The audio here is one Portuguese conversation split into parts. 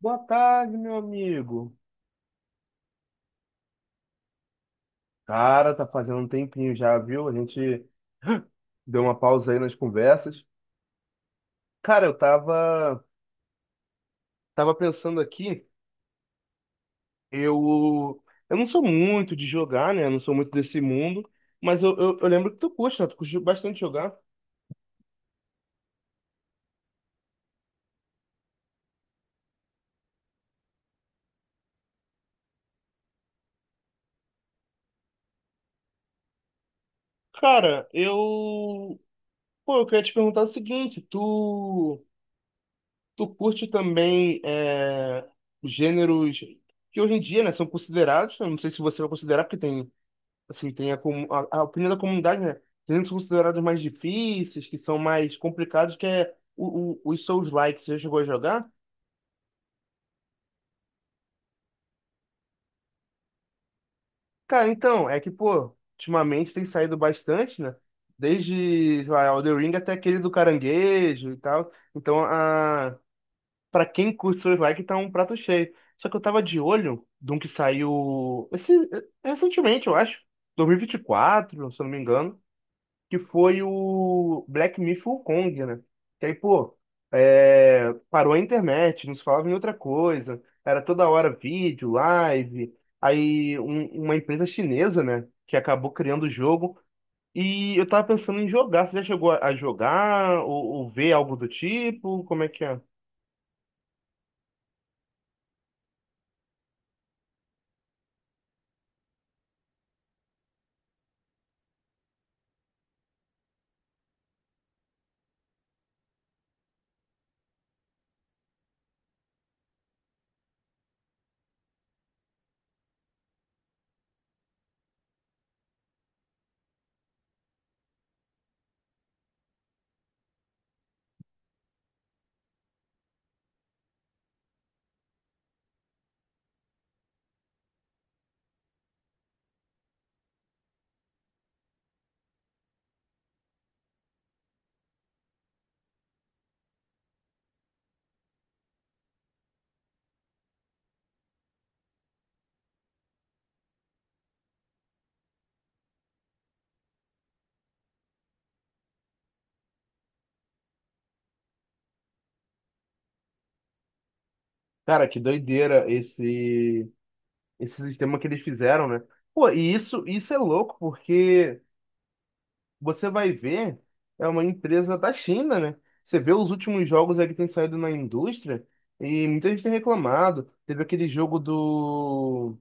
Boa tarde, meu amigo. Cara, tá fazendo um tempinho já, viu? A gente deu uma pausa aí nas conversas. Cara, eu tava, tava pensando aqui, eu, não sou muito de jogar, né? Eu não sou muito desse mundo, mas eu, lembro que tu curte, né? Tu curte bastante jogar. Cara, eu, pô, eu queria te perguntar o seguinte, tu, tu curte também é, gêneros que hoje em dia, né, são considerados, eu não sei se você vai considerar, porque tem assim, tem a opinião da comunidade, né? Tem os considerados mais difíceis, que são mais complicados, que é os Souls-like. Você já chegou a jogar? Cara, então, é que, pô, ultimamente tem saído bastante, né? Desde, sei lá, Elden Ring até aquele do caranguejo e tal. Então, a... pra quem curte Souls-like, tá um prato cheio. Só que eu tava de olho de um que saiu esse, recentemente, eu acho. 2024, se eu não me engano, que foi o Black Myth Wukong, né? Que aí, pô, é, parou a internet, não se falava em outra coisa, era toda hora vídeo, live, aí uma empresa chinesa, né, que acabou criando o jogo, e eu tava pensando em jogar. Você já chegou a jogar, ou ver algo do tipo, como é que é? Cara, que doideira esse, esse sistema que eles fizeram, né? Pô, e isso é louco, porque... você vai ver, é uma empresa da China, né? Você vê os últimos jogos aí que tem saído na indústria e muita gente tem reclamado. Teve aquele jogo do.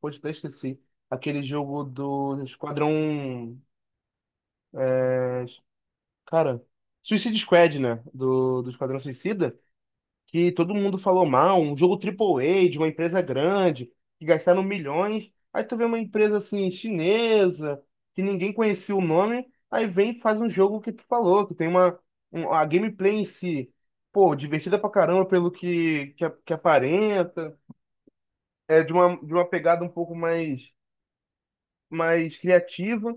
Poxa, até esqueci. Aquele jogo do Esquadrão. Cara, Suicide Squad, né? Do Esquadrão Suicida, que todo mundo falou mal, um jogo triple A de uma empresa grande, que gastaram milhões. Aí tu vê uma empresa assim chinesa, que ninguém conhecia o nome, aí vem e faz um jogo que tu falou, que tem uma a gameplay em si, pô, divertida pra caramba pelo que, que aparenta, é de uma pegada um pouco mais mais criativa.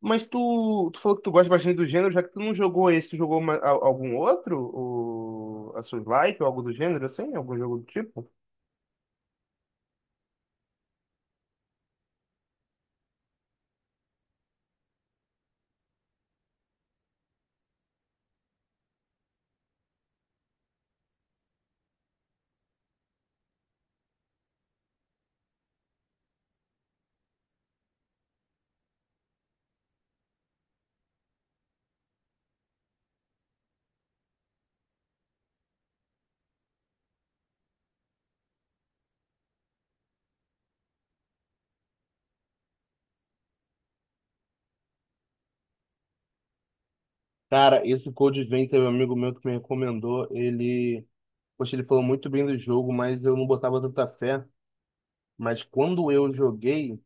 Mas tu, tu falou que tu gosta bastante do gênero. Já que tu não jogou esse, tu jogou algum outro? A Soulslike ou algo do gênero, assim? Algum jogo do tipo? Cara, esse Code Vein teve um amigo meu que me recomendou. Ele, poxa, ele falou muito bem do jogo, mas eu não botava tanta fé. Mas quando eu joguei,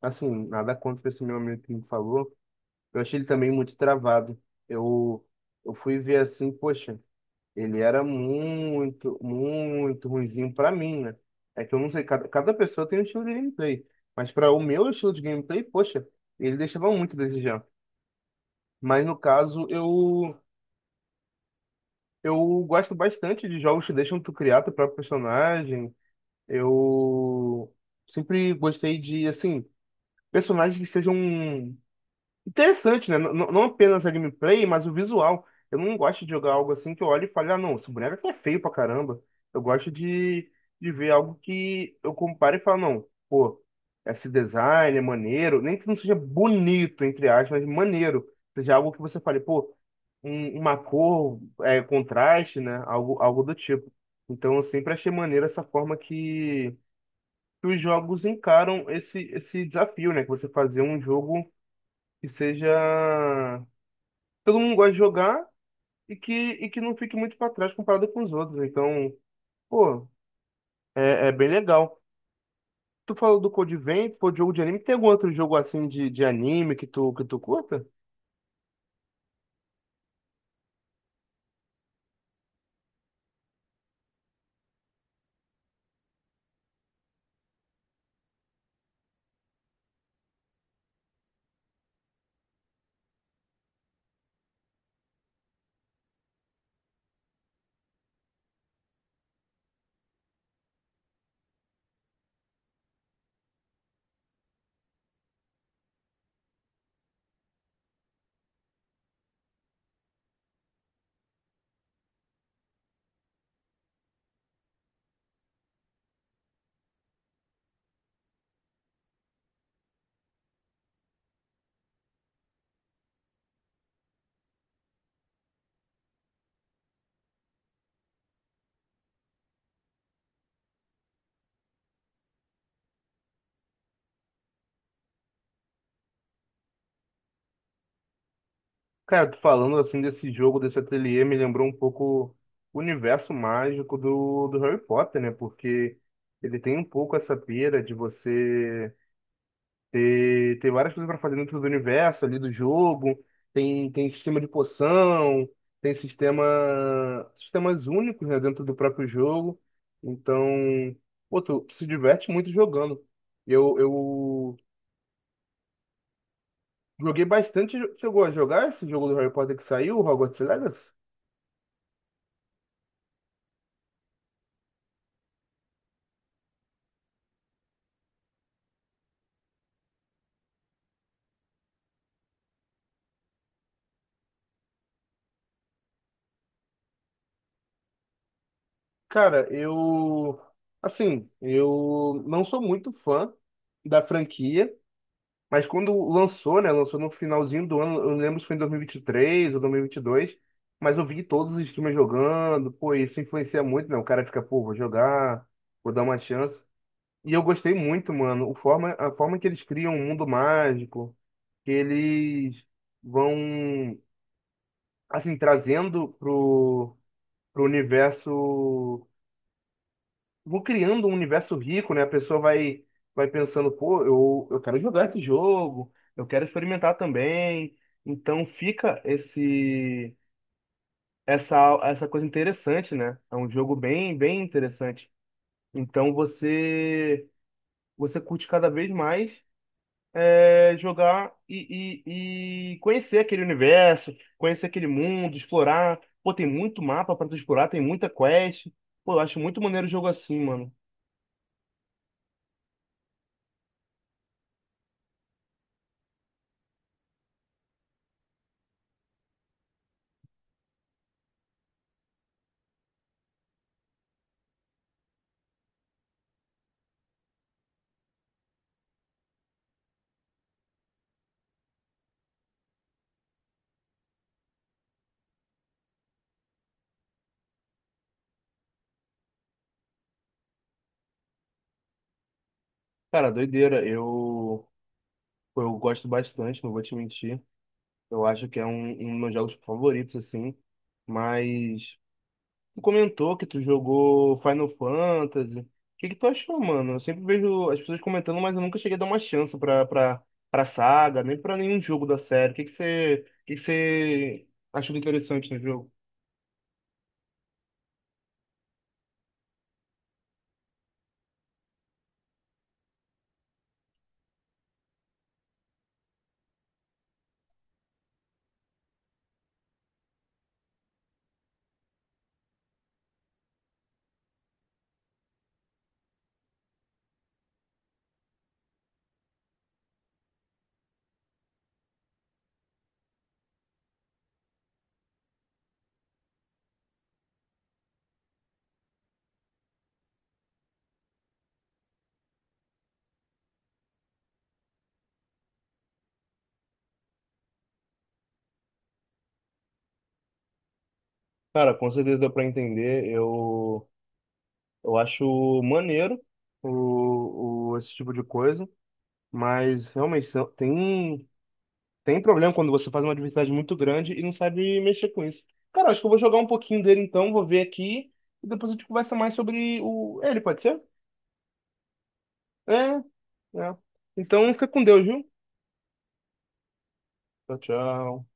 assim, nada contra esse meu amigo que me falou, eu achei ele também muito travado. Eu, fui ver assim, poxa, ele era muito, muito ruinzinho pra mim, né? É que eu não sei, cada, pessoa tem um estilo de gameplay. Mas para o meu estilo de gameplay, poxa, ele deixava muito a desejar. Mas no caso, eu gosto bastante de jogos que deixam tu criar teu próprio personagem. Eu sempre gostei de, assim, personagens que sejam interessantes, né? Não apenas a gameplay, mas o visual. Eu não gosto de jogar algo assim que eu olho e falo, ah, não, esse boneco aqui é feio pra caramba. Eu gosto de, ver algo que eu comparo e falo, não, pô, esse design é maneiro. Nem que não seja bonito, entre aspas, mas maneiro. Seja algo que você fale, pô, uma cor, é, contraste, né? Algo, do tipo. Então eu sempre achei maneiro essa forma que os jogos encaram esse, desafio, né? Que você fazer um jogo que seja. Todo mundo gosta de jogar e que não fique muito para trás comparado com os outros. Então, pô, é, é bem legal. Tu falou do Code Vein, pô, jogo de anime. Tem algum outro jogo assim de, anime que tu curta? Cara, tu falando assim desse jogo, desse ateliê, me lembrou um pouco o universo mágico do, Harry Potter, né? Porque ele tem um pouco essa pira de você ter, várias coisas para fazer dentro do universo ali do jogo. Tem, sistema de poção, tem sistema, sistemas únicos, né, dentro do próprio jogo. Então, pô, tu, se diverte muito jogando. Eu, joguei bastante. Chegou a jogar esse jogo do Harry Potter que saiu, o Hogwarts Legacy? Cara, eu. Assim, eu não sou muito fã da franquia, mas quando lançou, né? Lançou no finalzinho do ano, eu lembro se foi em 2023 ou dois mil e vinte e dois, mas eu vi todos os streamers jogando, pô, isso influencia muito, né? O cara fica, pô, vou jogar, vou dar uma chance. E eu gostei muito, mano, o forma, a forma que eles criam um mundo mágico, que eles vão, assim, trazendo pro, pro universo. Vou criando um universo rico, né? A pessoa vai, pensando, pô, eu, quero jogar esse jogo, eu quero experimentar também. Então fica esse essa coisa interessante, né? É um jogo bem bem interessante. Então você curte cada vez mais é, jogar e, e conhecer aquele universo, conhecer aquele mundo, explorar. Pô, tem muito mapa para tu explorar, tem muita quest. Pô, eu acho muito maneiro o jogo assim, mano. Cara, doideira. Eu gosto bastante, não vou te mentir. Eu acho que é um, dos meus jogos favoritos, assim. Mas tu comentou que tu jogou Final Fantasy. O que que tu achou, mano? Eu sempre vejo as pessoas comentando, mas eu nunca cheguei a dar uma chance pra, pra, pra saga, nem pra nenhum jogo da série. O que que você, o que que você achou de interessante no jogo? Cara, com certeza deu pra entender. Eu, acho maneiro esse tipo de coisa. Mas realmente tem. Tem problema quando você faz uma diversidade muito grande e não sabe mexer com isso. Cara, acho que eu vou jogar um pouquinho dele então, vou ver aqui e depois a gente conversa mais sobre o ele, pode ser? É, é. Então fica com Deus, viu? Tchau, tchau.